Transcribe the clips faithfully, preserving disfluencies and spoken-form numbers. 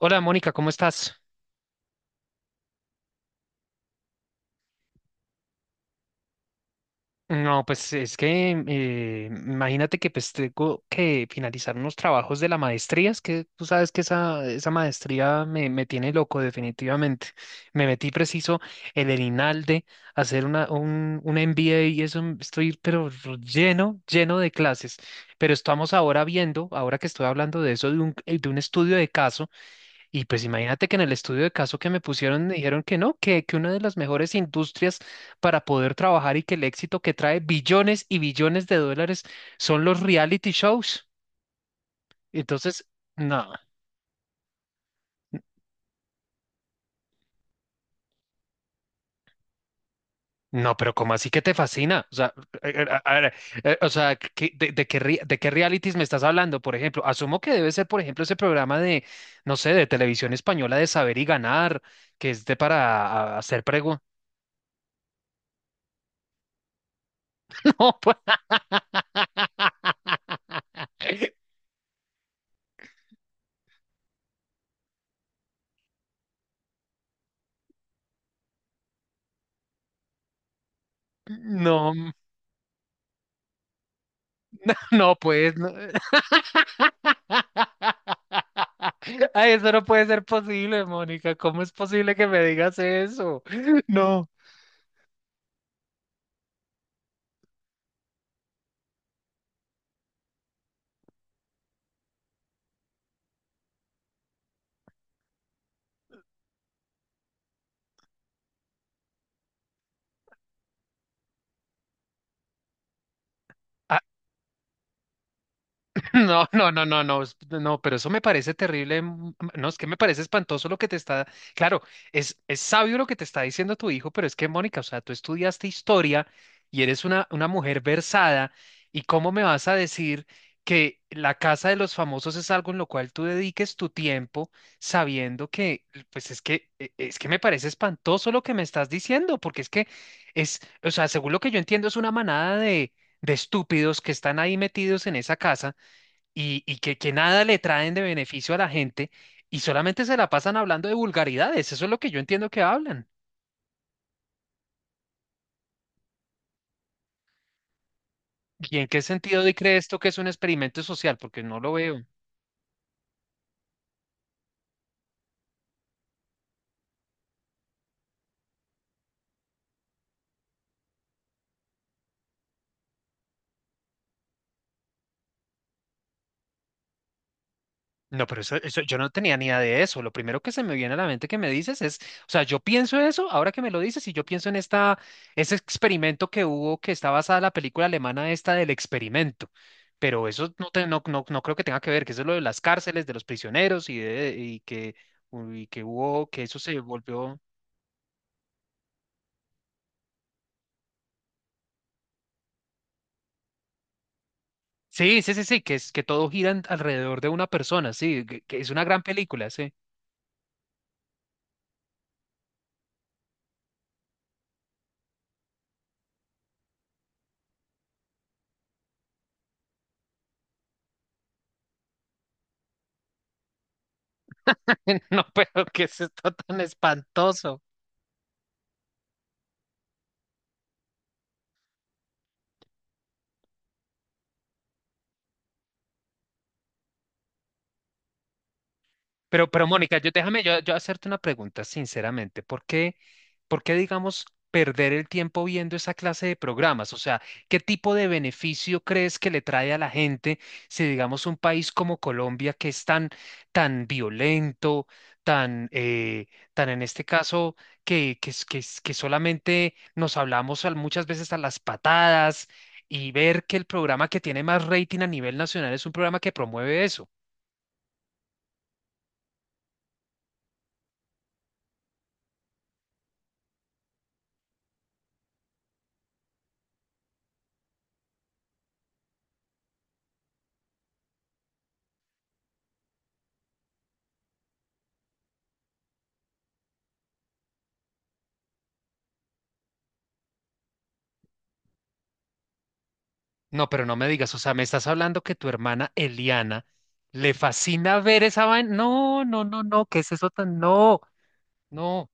Hola Mónica, ¿cómo estás? No, pues es que eh, imagínate que pues tengo que finalizar unos trabajos de la maestría. Es que tú sabes que esa, esa maestría me, me tiene loco definitivamente. Me metí preciso en el Inalde a hacer una, un, un M B A y eso m- estoy pero r- lleno, lleno de clases. Pero estamos ahora viendo, ahora que estoy hablando de eso, de un, eh, de un estudio de caso. Y pues imagínate que en el estudio de caso que me pusieron me dijeron que no, que, que una de las mejores industrias para poder trabajar y que el éxito que trae billones y billones de dólares son los reality shows. Entonces, no, no, pero ¿cómo así que te fascina? O sea, eh, eh, a ver, eh, o sea, ¿qué- de, de qué, rea- ¿de qué realities me estás hablando? Por ejemplo, asumo que debe ser, por ejemplo, ese programa de, no sé, de televisión española, de Saber y Ganar, que es de para ah, hacer preguntas. No, pues, no, no, pues, no. Ay, eso no puede ser posible, Mónica. ¿Cómo es posible que me digas eso? No. No, no, no, no, no, es- no, pero eso me parece terrible. mm, mm, No, es que me parece espantoso lo que te está. Claro, es, es sabio lo que te está diciendo tu hijo, pero es que, Mónica, o sea, tú estudiaste historia y eres una, una mujer versada, ¿y cómo me vas a decir que la casa de los famosos es algo en lo cual tú dediques tu tiempo sabiendo que, pues es que, e- es que me parece espantoso lo que me estás diciendo, porque es que es, o sea, según lo que yo entiendo, es una manada de, de estúpidos que están ahí metidos en esa casa y, y que, que nada le traen de beneficio a la gente y solamente se la pasan hablando de vulgaridades. Eso es lo que yo entiendo que hablan. ¿Y en qué sentido de cree esto que es un experimento social? Porque no lo veo. No, pero eso, eso- yo no tenía ni idea de eso. Lo primero que se me viene a la mente que me dices es, o sea, yo pienso eso, ahora que me lo dices, y yo pienso en esta, ese experimento que hubo, que está basada en la película alemana esta del experimento. Pero eso no, te- no, no, no creo que tenga que ver, que eso es lo de las cárceles, de los prisioneros y, de, y que, y que hubo, que eso se volvió. Sí, sí, sí, sí, que es que todo gira en- alrededor de una persona, sí, que, que es una gran película, sí. No, pero que es esto tan espantoso. Pero, pero Mónica, yo déjame yo, yo hacerte una pregunta sinceramente. ¿Por qué, por qué, digamos, perder el tiempo viendo esa clase de programas? O sea, ¿qué tipo de beneficio crees que le trae a la gente si, digamos, un país como Colombia, que es tan, tan violento, tan, eh, tan en este caso, que, que, es- que, es- que solamente nos hablamos al- muchas veces a las patadas y ver que el programa que tiene más rating a nivel nacional es un programa que promueve eso? No, pero no me digas, o sea, me estás hablando que tu hermana Eliana le fascina ver esa vaina. No, no, no, no, ¿qué es eso tan? No, no,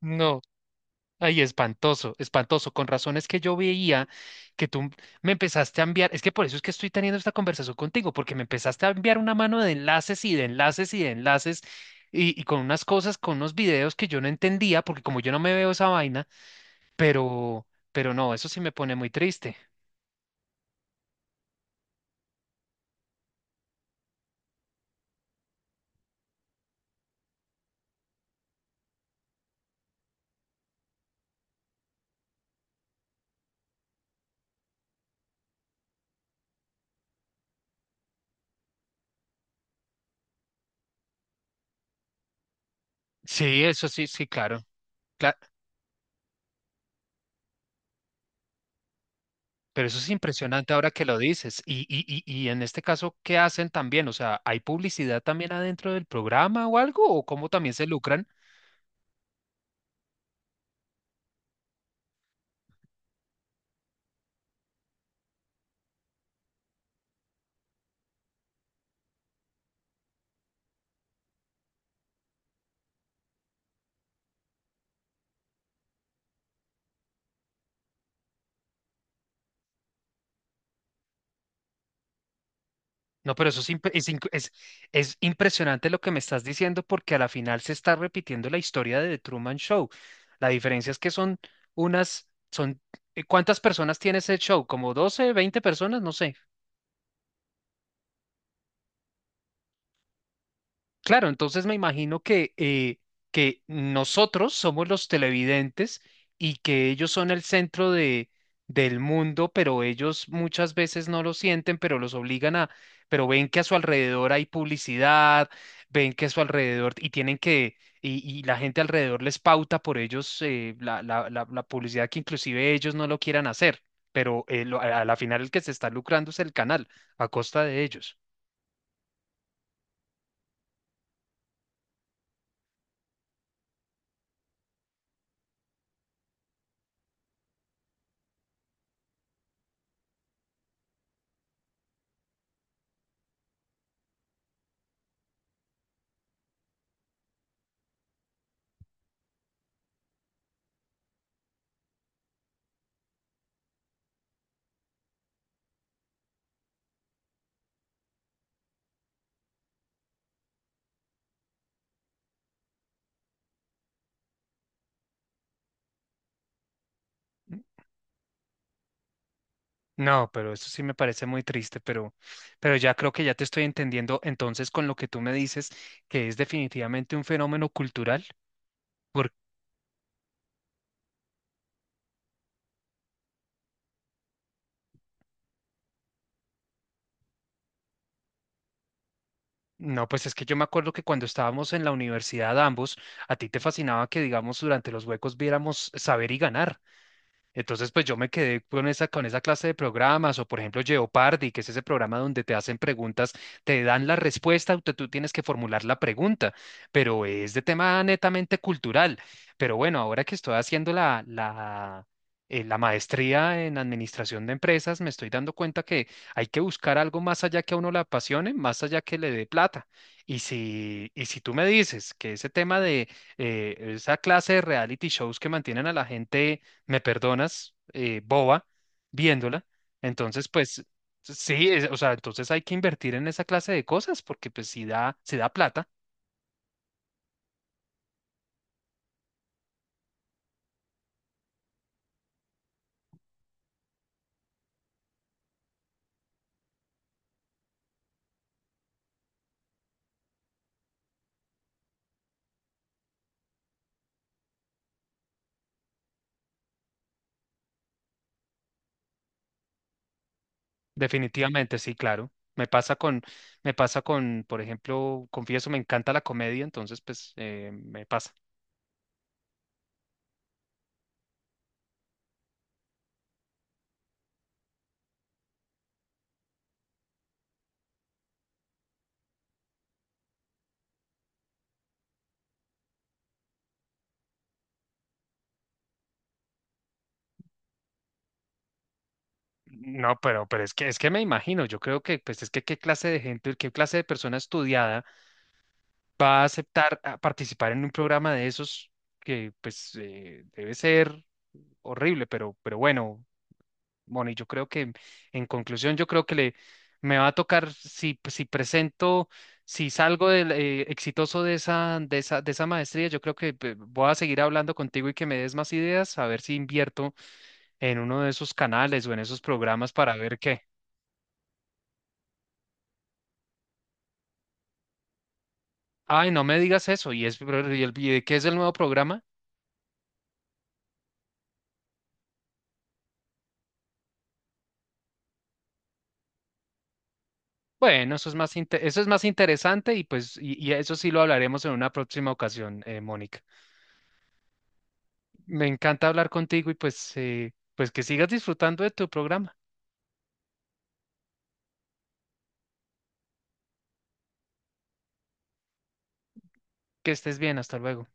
no. Ay, espantoso, espantoso. Con razones que yo veía que tú me empezaste a enviar. Es que por eso es que estoy teniendo esta conversación contigo, porque me empezaste a enviar una mano de enlaces y de enlaces y de enlaces y, y con unas cosas, con unos videos que yo no entendía, porque como yo no me veo esa vaina, pero, pero no, eso sí me pone muy triste. Sí, eso sí, sí, claro. Cla- Pero eso es impresionante ahora que lo dices. Y, y, y, y en este caso, ¿qué hacen también? O sea, ¿hay publicidad también adentro del programa o algo? ¿O cómo también se lucran? No, pero eso es, impre- es, inc- es, es impresionante lo que me estás diciendo, porque a la final se está repitiendo la historia de The Truman Show. La diferencia es que son unas, son, eh, ¿cuántas personas tiene ese show? ¿Como doce veinte personas? No sé. Claro, entonces me imagino que, eh, que nosotros somos los televidentes y que ellos son el centro de, del mundo, pero ellos muchas veces no lo sienten, pero los obligan a, pero ven que a su alrededor hay publicidad, ven que a su alrededor y tienen que, y, y la gente alrededor les pauta por ellos, eh, la, la, la, la publicidad que inclusive ellos no lo quieran hacer, pero eh, lo- a a la final el que se está lucrando es el canal a costa de ellos. No, pero eso sí me parece muy triste, pero, pero ya creo que ya te estoy entendiendo entonces con lo que tú me dices, que es definitivamente un fenómeno cultural. Por- no, pues es que yo me acuerdo que cuando estábamos en la universidad ambos, a ti te fascinaba que, digamos, durante los huecos viéramos Saber y Ganar. Entonces, pues yo me quedé con esa, con esa clase de programas, o por ejemplo Jeopardy, que es ese programa donde te hacen preguntas, te dan la respuesta, tú, tú tienes que formular la pregunta, pero es de tema netamente cultural. Pero bueno, ahora que estoy haciendo la, la, eh, la maestría en administración de empresas, me estoy dando cuenta que hay que buscar algo más allá que a uno le apasione, más allá que le dé plata. Y si, y si tú me dices que ese tema de eh, esa clase de reality shows que mantienen a la gente, me perdonas, eh, boba, viéndola. Entonces, pues sí, es- o sea, entonces hay que invertir en esa clase de cosas, porque pues si da, si da plata, definitivamente sí, claro. Me pasa con, me pasa con, por ejemplo, confieso, me encanta la comedia, entonces pues eh, me pasa. No, pero, pero es que, es que me imagino, yo creo que, pues es que qué clase de gente, qué clase de persona estudiada va a aceptar a participar en un programa de esos que, pues, eh, debe ser horrible, pero, pero bueno. Bueno, y yo creo que, en conclusión, yo creo que le me va a tocar si, si presento, si salgo del, eh, exitoso de esa, de esa, de esa maestría. Yo creo que pe- voy a seguir hablando contigo y que me des más ideas, a ver si invierto en uno de esos canales o en esos programas para ver qué. Ay, no me digas eso. ¿Y es pero, y el, y de qué es el nuevo programa? Bueno, eso es más inte- eso es más interesante y pues y, y eso sí lo hablaremos en una próxima ocasión, eh, Mónica. Me encanta hablar contigo y pues eh, pues que sigas disfrutando de tu programa. Que estés bien, hasta luego.